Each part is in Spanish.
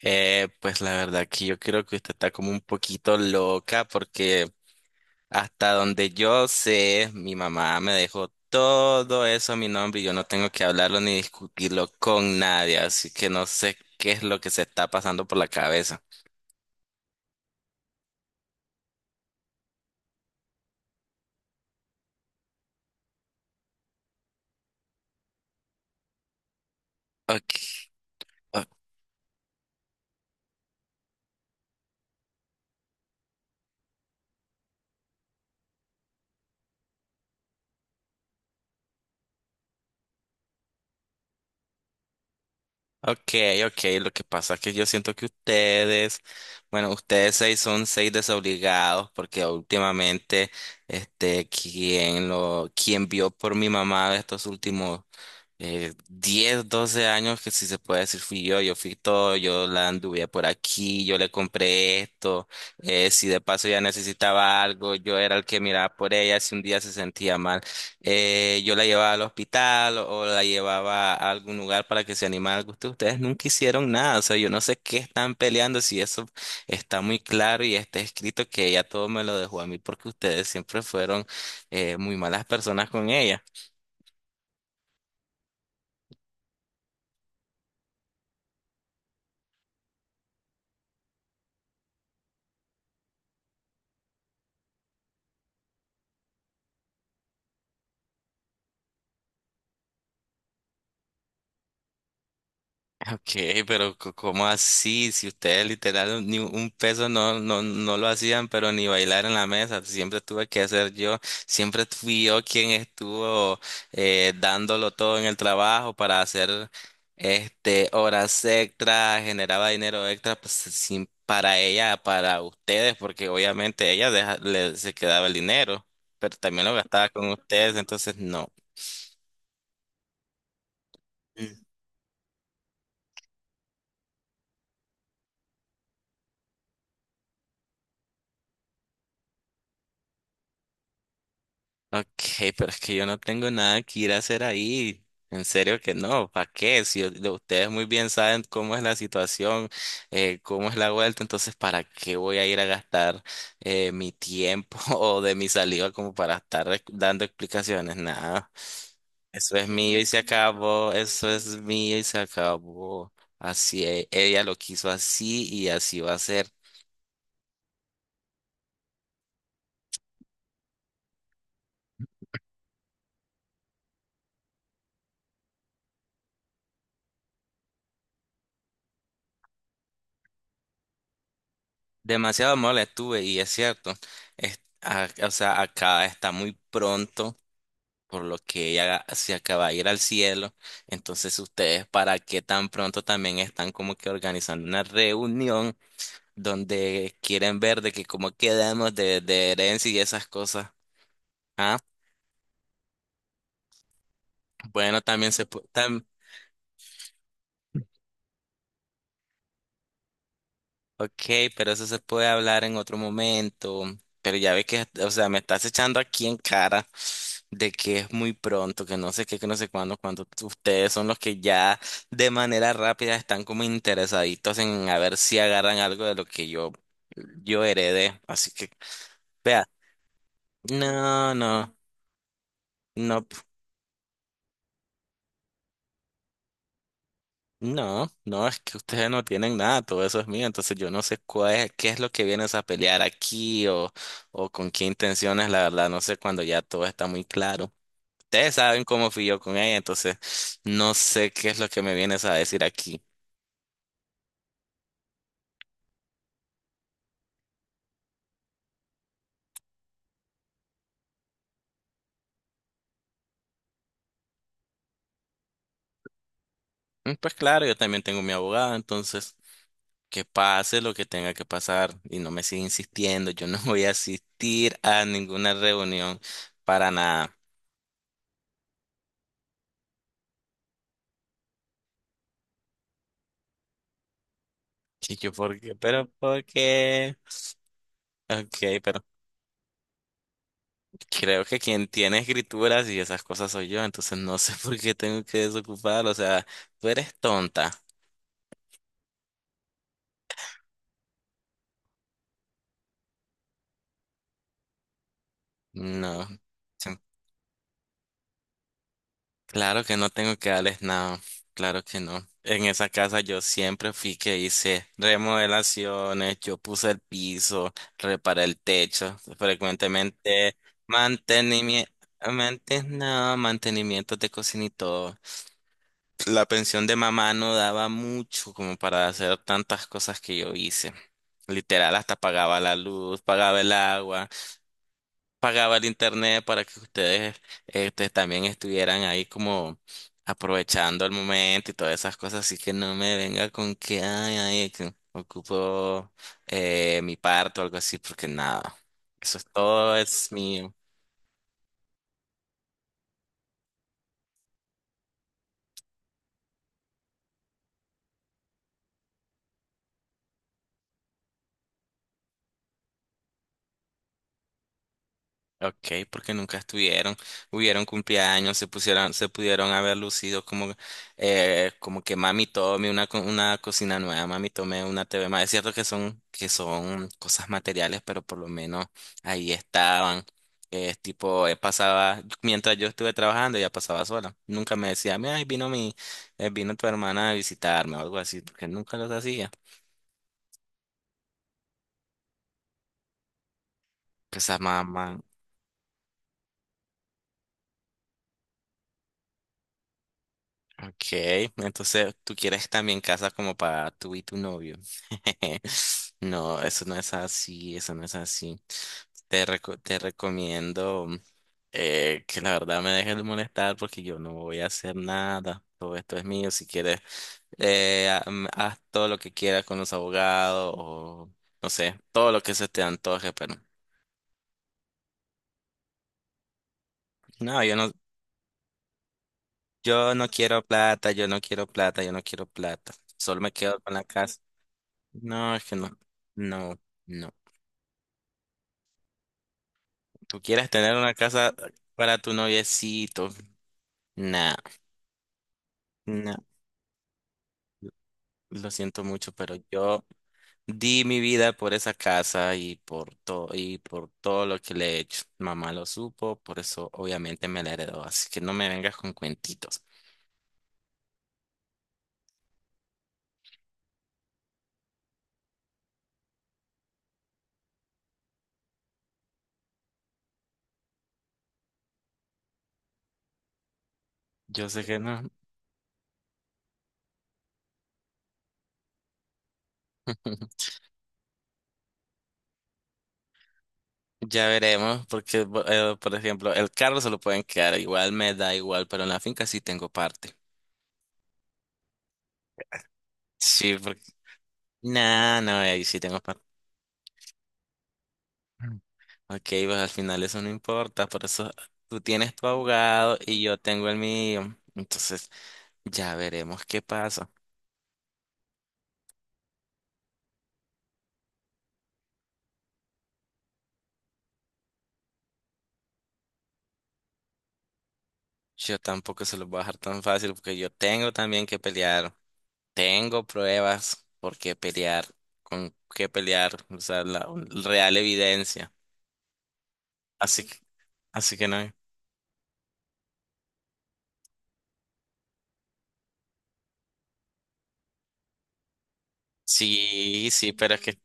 Pues la verdad que yo creo que usted está como un poquito loca porque hasta donde yo sé, mi mamá me dejó todo eso a mi nombre y yo no tengo que hablarlo ni discutirlo con nadie, así que no sé qué es lo que se está pasando por la cabeza. Ok, ok, ok, lo que pasa es que yo siento que ustedes, bueno, ustedes seis son seis desobligados porque últimamente, quien vio por mi mamá de estos últimos 10, 12 años, que si se puede decir fui yo, yo fui todo, yo la anduve por aquí, yo le compré esto, si de paso ya necesitaba algo, yo era el que miraba por ella, si un día se sentía mal. Yo la llevaba al hospital o la llevaba a algún lugar para que se animara al gusto. Ustedes nunca hicieron nada, o sea, yo no sé qué están peleando, si eso está muy claro y está escrito que ella todo me lo dejó a mí porque ustedes siempre fueron muy malas personas con ella. Ok, pero ¿cómo así? Si ustedes literal ni un peso no lo hacían, pero ni bailar en la mesa, siempre tuve que hacer yo, siempre fui yo quien estuvo dándolo todo en el trabajo para hacer horas extra, generaba dinero extra pues, sin, para ella, para ustedes, porque obviamente ella se quedaba el dinero, pero también lo gastaba con ustedes, entonces no. Ok, pero es que yo no tengo nada que ir a hacer ahí. En serio que no, ¿para qué? Si ustedes muy bien saben cómo es la situación, cómo es la vuelta, entonces ¿para qué voy a ir a gastar mi tiempo o de mi saliva como para estar dando explicaciones? Nada, eso es mío y se acabó, eso es mío y se acabó. Así ella lo quiso así y así va a ser. Demasiado mole tuve y es cierto, o sea, acá está muy pronto, por lo que ella se acaba de ir al cielo. Entonces, ustedes, ¿para qué tan pronto también están como que organizando una reunión donde quieren ver de que cómo quedamos de herencia y esas cosas? Ah, bueno, también se puede. Ok, pero eso se puede hablar en otro momento. Pero ya ves que, o sea, me estás echando aquí en cara de que es muy pronto, que no sé qué, que no sé cuándo, cuando ustedes son los que ya de manera rápida están como interesaditos en a ver si agarran algo de lo que yo heredé. Así que, vea, no, no, no. No, es que ustedes no tienen nada, todo eso es mío, entonces yo no sé cuál es, qué es lo que vienes a pelear aquí o con qué intenciones, la verdad, no sé cuando ya todo está muy claro. Ustedes saben cómo fui yo con ella, entonces no sé qué es lo que me vienes a decir aquí. Pues claro, yo también tengo mi abogado, entonces que pase lo que tenga que pasar y no me siga insistiendo, yo no voy a asistir a ninguna reunión para nada. Y yo, ¿por qué? ¿Pero por qué? Ok, pero creo que quien tiene escrituras y esas cosas soy yo, entonces no sé por qué tengo que desocupar, o sea, tú eres tonta. No, sí, claro que no tengo que darles nada, claro que no. En esa casa yo siempre fui que hice remodelaciones, yo puse el piso, reparé el techo, frecuentemente mantenimiento, no, mantenimiento de cocina y todo. La pensión de mamá no daba mucho como para hacer tantas cosas que yo hice. Literal, hasta pagaba la luz, pagaba el agua, pagaba el internet para que ustedes también estuvieran ahí como aprovechando el momento y todas esas cosas. Así que no me venga con que, ay, ay, que ocupo mi parto o algo así, porque nada, eso es todo es mío. Ok, porque nunca estuvieron, hubieron cumpleaños, se pudieron haber lucido como, como que mami tome una, una cocina nueva, mami tome una TV más. Es cierto que son cosas materiales, pero por lo menos ahí estaban. Es tipo, pasaba, mientras yo estuve trabajando, ella pasaba sola. Nunca me decía, mira, ahí vino tu hermana a visitarme o algo así, porque nunca los hacía. Pues a mamá. Ok, entonces tú quieres también casa como para tú y tu novio. No, eso no es así, eso no es así. Te, te recomiendo que la verdad me dejes de molestar porque yo no voy a hacer nada. Todo esto es mío. Si quieres, haz todo lo que quieras con los abogados o no sé, todo lo que se te antoje, pero no, yo no quiero plata, yo no quiero plata, yo no quiero plata. Solo me quedo con la casa. No, es que no. No, no. ¿Tú quieres tener una casa para tu noviecito? Nah, nah. Lo siento mucho, pero yo di mi vida por esa casa y por todo lo que le he hecho. Mamá lo supo, por eso obviamente me la heredó. Así que no me vengas con cuentitos. Yo sé que no. Ya veremos, porque por ejemplo, el carro se lo pueden quedar igual, me da igual, pero en la finca sí tengo parte. Sí, porque... Nah, no, ahí sí tengo parte. Ok, pues al final eso no importa, por eso tú tienes tu abogado y yo tengo el mío. Entonces ya veremos qué pasa. Yo tampoco se los voy a dejar tan fácil porque yo tengo también que pelear. Tengo pruebas por qué pelear, con qué pelear, o sea, la real evidencia. Así que, así que no. Sí, pero es que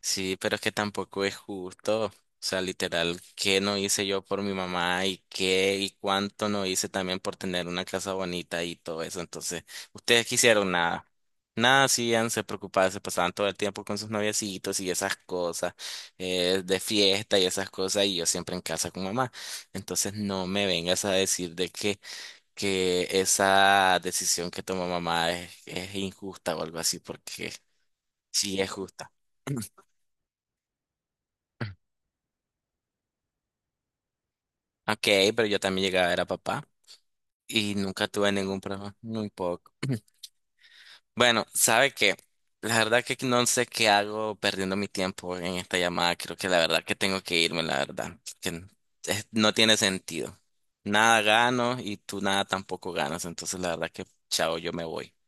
sí, pero es que tampoco es justo. O sea, literal, ¿qué no hice yo por mi mamá y qué y cuánto no hice también por tener una casa bonita y todo eso? Entonces, ustedes quisieron nada. Nada, hacían, se preocupaban, se pasaban todo el tiempo con sus noviecitos y esas cosas, de fiesta y esas cosas, y yo siempre en casa con mamá. Entonces, no me vengas a decir que esa decisión que tomó mamá es injusta o algo así, porque sí es justa. Ok, pero yo también llegaba a ver a papá y nunca tuve ningún problema, muy poco. Bueno, ¿sabe qué? La verdad que no sé qué hago perdiendo mi tiempo en esta llamada. Creo que la verdad que tengo que irme, la verdad. No tiene sentido. Nada gano y tú nada tampoco ganas. Entonces, la verdad que, chao, yo me voy.